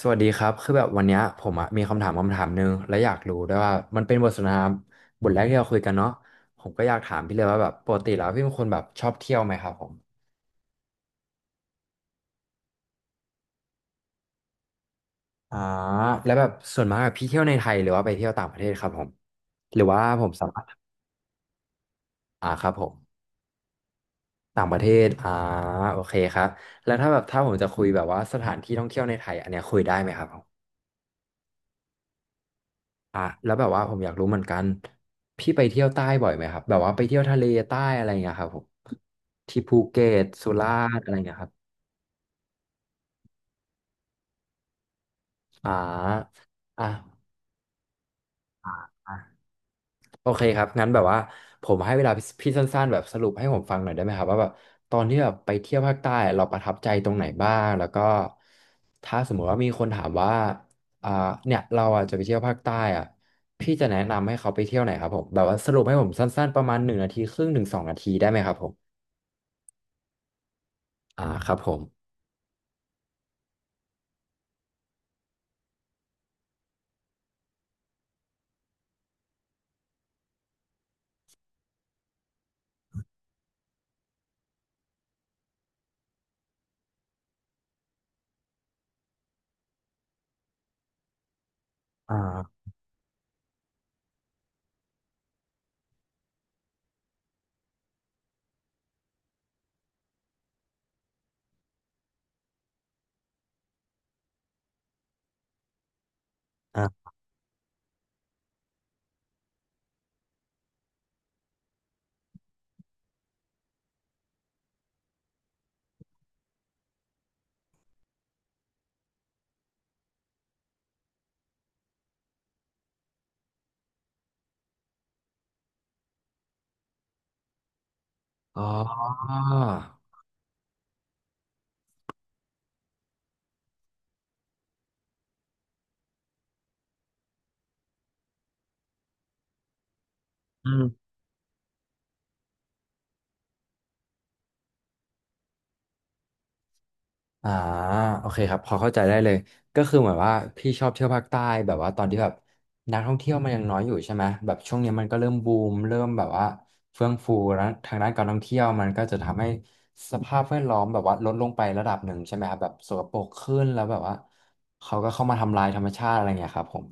สวัสดีครับคือแบบวันเนี้ยผมอะมีคำถามหนึ่งและอยากรู้ด้วยว่ามันเป็นบทสนทนาบทแรกที่เราคุยกันเนาะผมก็อยากถามพี่เลยว่าแบบปกติแล้วพี่เป็นคนแบบชอบเที่ยวไหมครับผมอ่าแล้วแบบส่วนมากอะพี่เที่ยวในไทยหรือว่าไปเที่ยวต่างประเทศครับผมหรือว่าผมสามารถอ่าครับผมต่างประเทศอ่าโอเคครับแล้วถ้าแบบถ้าผมจะคุยแบบว่าสถานที่ท่องเที่ยวในไทยอันเนี้ยคุยได้ไหมครับผม อ่ะแล้วแบบว่าผมอยากรู้เหมือนกันพี่ไปเที่ยวใต้บ่อยไหมครับแบบว่าไปเที่ยวทะเลใต้อะไรเงี้ยครับผมที่ภูเก็ตสุราษฎร์อะไรเงี้ยครับอ่าอ่ะอ่ะอ่ะโอเคครับงั้นแบบว่าผมให้เวลาพี่สั้นๆแบบสรุปให้ผมฟังหน่อยได้ไหมครับว่าแบบตอนที่แบบไปเที่ยวภาคใต้เราประทับใจตรงไหนบ้างแล้วก็ถ้าสมมุติว่ามีคนถามว่าอ่าเนี่ยเราอ่ะจะไปเที่ยวภาคใต้อ่ะพี่จะแนะนำให้เขาไปเที่ยวไหนครับผมแบบว่าสรุปให้ผมสั้นๆประมาณหนึ่งนาทีครึ่งถึงสองนาทีได้ไหมครับผม อ่าครับผมอ่าอ่าอ๋ออืมอ่าโอเคครับพอเข้าใจได้เลยก็คือเหมือนว่าพี่ชอบเที่ยวภาคใต้แบบว่าตอนที่แบบนักท่องเที่ยวมันยังน้อยอยู่ใช่ไหมแบบช่วงนี้มันก็เริ่มบูมเริ่มแบบว่าเฟื่องฟูแล้วทางด้านการท่องเที่ยวมันก็จะทำให้สภาพแวดล้อมแบบว่าลดลงไประดับหนึ่งใช่ไหมครับแบบสกปรกขึ้นแล้วแบบว่าเขาก็เข้ามาทำลายธรรมชาติอะไรเงี้ยครับผม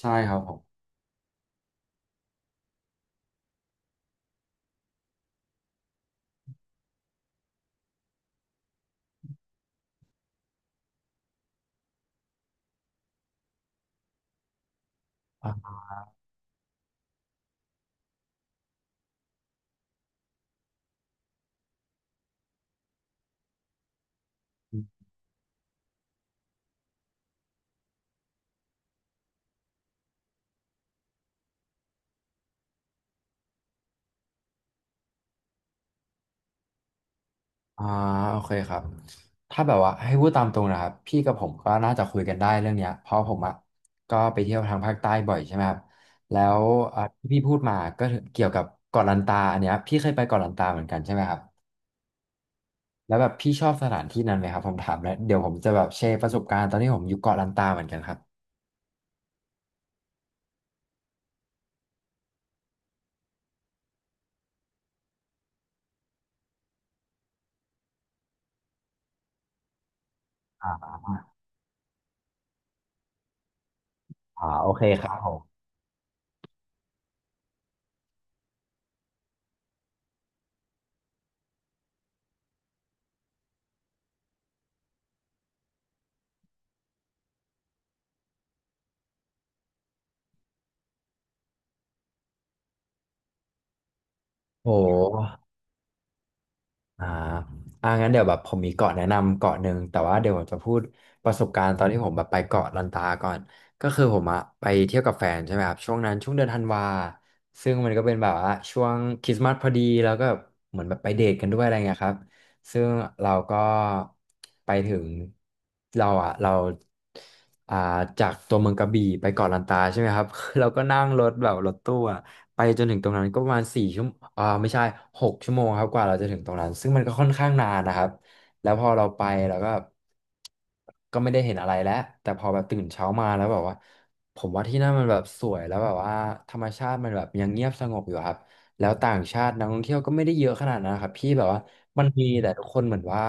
ใช่ครับผม อ่าโอเคครับถ้าแบบว่าให้พูดตามตรงนะครับพี่กับผมก็น่าจะคุยกันได้เรื่องเนี้ยเพราะผมอ่ะก็ไปเที่ยวทางภาคใต้บ่อยใช่ไหมครับแล้วที่พี่พูดมาก็เกี่ยวกับเกาะลันตาอันเนี้ยพี่เคยไปเกาะลันตาเหมือนกันใช่ไหมครับแล้วแบบพี่ชอบสถานที่นั้นไหมครับผมถามแล้วเดี๋ยวผมจะแบบแชร์ประสบการณ์ตอนที่ผมอยู่เกาะลันตาเหมือนกันครับอ่าอ่าโอเคครับผมโห อ่าอ่างั้นเดี๋ยวแบบผมมีเกาะแนะนำเกาะหนึ่งแต่ว่าเดี๋ยวผมจะพูดประสบการณ์ตอนที่ผมแบบไปเกาะลันตาก่อนก็คือผมอะไปเที่ยวกับแฟนใช่ไหมครับช่วงนั้นช่วงเดือนธันวาซึ่งมันก็เป็นแบบว่าช่วงคริสต์มาสพอดีแล้วก็เหมือนแบบไปเดทกันด้วยอะไรเงี้ยครับ ซึ่งเราก็ไปถึงเราจากตัวเมืองกระบี่ไปเกาะลันตาใช่ไหมครับ เราก็นั่งรถแบบรถตู้อ่ะไปจนถึงตรงนั้นก็ประมาณสี่ชั่วโมงไม่ใช่หกชั่วโมงครับกว่าเราจะถึงตรงนั้นซึ่งมันก็ค่อนข้างนานนะครับแล้วพอเราไปเราก็ไม่ได้เห็นอะไรแล้วแต่พอแบบตื่นเช้ามาแล้วแบบว่าผมว่าที่นั่นมันแบบสวยแล้วแบบว่าธรรมชาติมันแบบยังเงียบสงบอยู่ครับ แล้วต่างชาตินักท่องเที่ยวก็ไม่ได้เยอะขนาดนั้นนะครับพี่แบบว่ามันมีแต่ทุกคนเหมือนว่า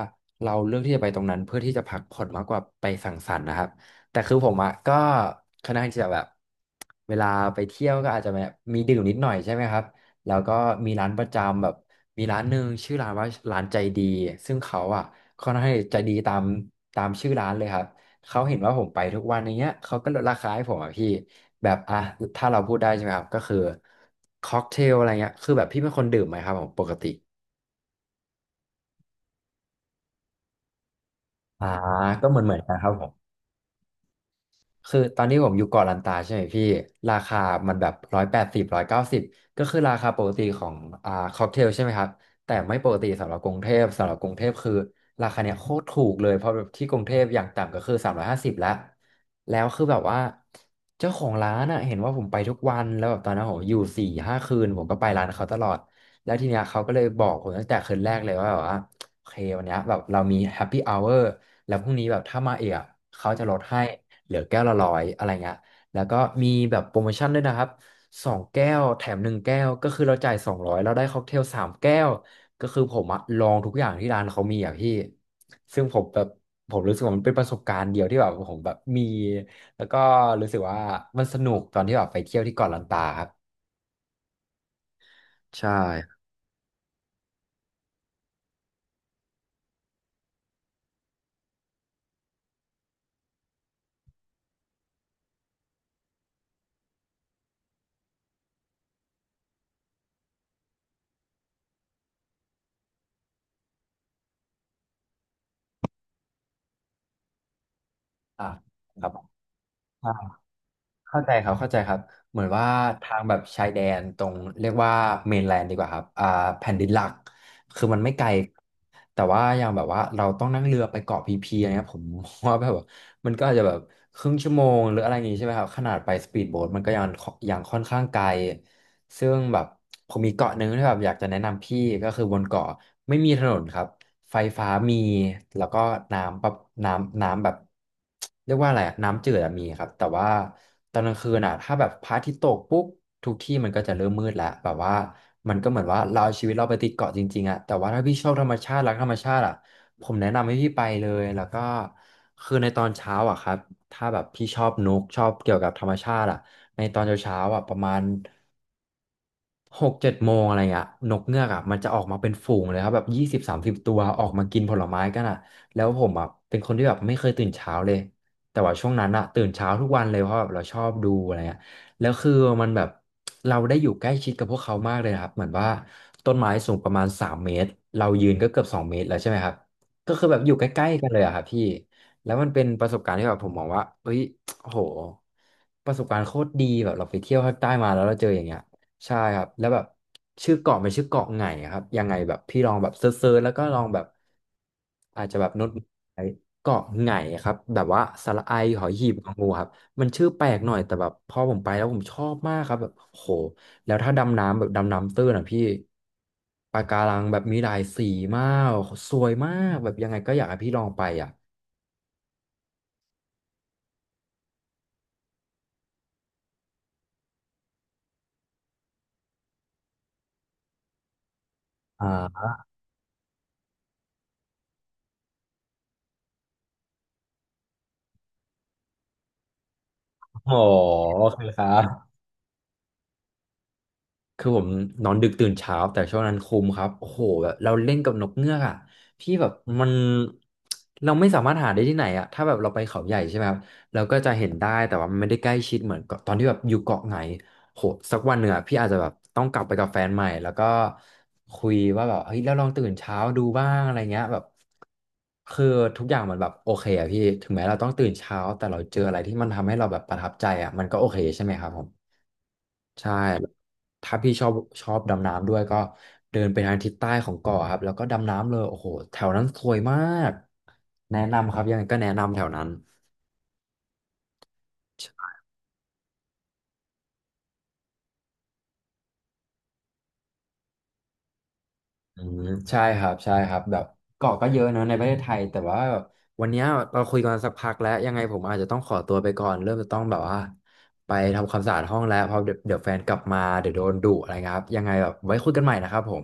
เราเลือกที่จะไปตรงนั้นเพื่อที่จะพักผ่อนมากกว่าไปสังสรรค์นะครับแต่คือผมอะก็ค่อนข้างที่จะแบบเวลาไปเที่ยวก็อาจจะแบบมีดื่มนิดหน่อยใช่ไหมครับแล้วก็มีร้านประจำแบบมีร้านหนึ่งชื่อร้านว่าร้านใจดีซึ่งเขาอะค่อนข้างใจดีตามชื่อร้านเลยครับ เขาเห็นว่าผมไปทุกวันอย่างเงี้ยเขาก็ลดราคาให้ผมอ่ะพี่ แบบอ่ะ ถ้าเราพูดได้ใช่ไหมครับ ก็คือค็อกเทลอะไรเงี้ย คือแบบพี่เป็นคนดื่มไหมครับผมปกติ อ่าก็เหมือนเหมือนกันครับผม คือตอนที่ผมอยู่เกาะลันตาใช่ไหมพี่ราคามันแบบ180190ก็คือราคาปกติของค็อกเทลใช่ไหมครับแต่ไม่ปกติสำหรับกรุงเทพสำหรับกรุงเทพคือราคาเนี่ยโคตรถูกเลยเพราะแบบที่กรุงเทพอย่างต่ำก็คือ350แล้วแล้วคือแบบว่าเจ้าของร้านอ่ะเห็นว่าผมไปทุกวันแล้วแบบตอนนั้นผมอยู่4-5คืนผมก็ไปร้านเขาตลอดแล้วทีเนี้ยเขาก็เลยบอกผมตั้งแต่คืนแรกเลยว่าแบบว่าโอเควันเนี้ยแบบเรามีแฮปปี้อเวอร์แล้วพรุ่งนี้แบบถ้ามาเขาจะลดให้ เหลือแก้วละ100อะไรเงี้ยแล้วก็มีแบบโปรโมชั่นด้วยนะครับ2 แก้วแถม1 แก้วก็คือเราจ่าย200เราได้ค็อกเทล3 แก้วก็คือผมอะลองทุกอย่างที่ร้านเขามีอะพี่ซึ่งผมแบบผมรู้สึกว่ามันเป็นประสบการณ์เดียวที่แบบผมแบบมีแล้วก็รู้สึกว่ามันสนุกตอนที่แบบไปเที่ยวที่เกาะลันตาครับใช่อ่ะครับใช่ เข้าใจครับเข้าใจครับเหมือนว่าทางแบบชายแดนตรงเรียกว่าเมนแลนด์ดีกว่าครับแผ่นดินหลักคือมันไม่ไกลแต่ว่าอย่างแบบว่าเราต้องนั่งเรือไปเกาะพีพีอะไรเงี้ยผมว่าแบบว่ามันก็อาจจะแบบครึ่งชั่วโมงหรืออะไรอย่างงี้ใช่ไหมครับขนาดไปสปีดโบ๊ทมันก็ยังค่อนข้างไกลซึ่งแบบผมมีเกาะหนึ่งที่แบบอยากจะแนะนำพี่ก็คือบนเกาะไม่มีถนนครับ ไฟฟ้ามีแล้วก็น้ำแบบน้ำแบบเรียกว่าอะไรอะน้ำจืดอะมีครับแต่ว่าตอนกลางคืนอะถ้าแบบพระอาทิตย์ตกปุ๊บทุกที่มันก็จะเริ่มมืดแล้วแบบว่ามันก็เหมือนว่าเราเอาชีวิตเราไปติดเกาะจริงๆอะแต่ว่าถ้าพี่ชอบธรรมชาติรักธรรมชาติอะผมแนะนำให้พี่ไปเลยแล้วก็คือในตอนเช้าอะครับถ้าแบบพี่ชอบนกชอบเกี่ยวกับธรรมชาติอะในตอนเช้าๆอะประมาณ 6-7 โมงอะไรอ่ะนกเงือกอ่ะมันจะออกมาเป็นฝูงเลยครับแบบ20-30 ตัวออกมากินผลไม้กันอ่ะแล้วผมอ่ะเป็นคนที่แบบไม่เคยตื่นเช้าเลยแต่ว่าช่วงนั้นอ่ะตื่นเช้าทุกวันเลยเพราะแบบเราชอบดูอะไรอ่ะแล้วคือมันแบบเราได้อยู่ใกล้ชิดกับพวกเขามากเลยนะครับเหมือนว่าต้นไม้สูงประมาณ3 เมตรเรายืนก็เกือบ2 เมตรแล้วใช่ไหมครับก็คือแบบอยู่ใกล้ๆกันเลยอะครับพี่แล้วมันเป็นประสบการณ์ที่แบบผมมองว่าเฮ้ยโอ้โหประสบการณ์โคตรดีแบบเราไปเที่ยวภาคใต้มาแล้วเราเจออย่างเงี้ย ใช่ครับแล้วแบบชื่อเกาะเป็นชื่อเกาะไงครับยังไงแบบพี่ลองแบบเซิร์ชๆแล้วก็ลองแบบอาจจะแบบโน้ตไอ้เกาะไงครับแบบว่าสระไอหอยหีบงองูครับมันชื่อแปลกหน่อยแต่แบบพอผมไปแล้วผมชอบมากครับแบบโหแล้วถ้าดำน้ำแบบดำน้ำตื้นอ่ะพี่ปะการังแบบมีหลายสีมากสวยมากแบบยังไงก็อยากให้พี่ลองไปอ่ะอ่าอโอเคครับ คือผมนอนดึกตื่นเช้าแต่ช่วงนั้นคุมครับโอ้โหแบบเราเล่นกับนกเงือกอ่ะพี่แบบมันเราไม่สามารถหาได้ที่ไหนอ่ะถ้าแบบเราไปเขาใหญ่ใช่ไหมครับเราก็จะเห็นได้แต่ว่ามันไม่ได้ใกล้ชิดเหมือนกับตอนที่แบบอยู่เกาะไหนโหสักวันหนึ่งอ่ะพี่อาจจะแบบต้องกลับไปกับแฟนใหม่แล้วก็คุยว่าแบบเฮ้ยเราลองตื่นเช้าดูบ้างอะไรเงี้ยแบบคือทุกอย่างมันแบบโอเคอ่ะพี่ถึงแม้เราต้องตื่นเช้าแต่เราเจออะไรที่มันทำให้เราแบบประทับใจอ่ะมันก็โอเคใช่ไหมครับผม ใช่ ถ้าพี่ชอบชอบดำน้ำด้วยก็เดินไปทางทิศใต้ของเกาะครับแล้วก็ดำน้ำเลยโอ้โหแถวนั้นสวยมากแนะนำครับยังไงก็แนะนำแถวนั้นอืมใช่ครับใช่ครับแบบเกาะก็เยอะเนอะในประเทศไทยแต่ว่าวันเนี้ยเราคุยกันสักพักแล้วยังไงผมอาจจะต้องขอตัวไปก่อนเริ่มจะต้องแบบว่าไปทำความสะอาดห้องแล้วเพราะเดี๋ยวแฟนกลับมาเดี๋ยวโดนดุอะไรเงี้ยครับยังไงแบบไว้คุยกันใหม่นะครับผม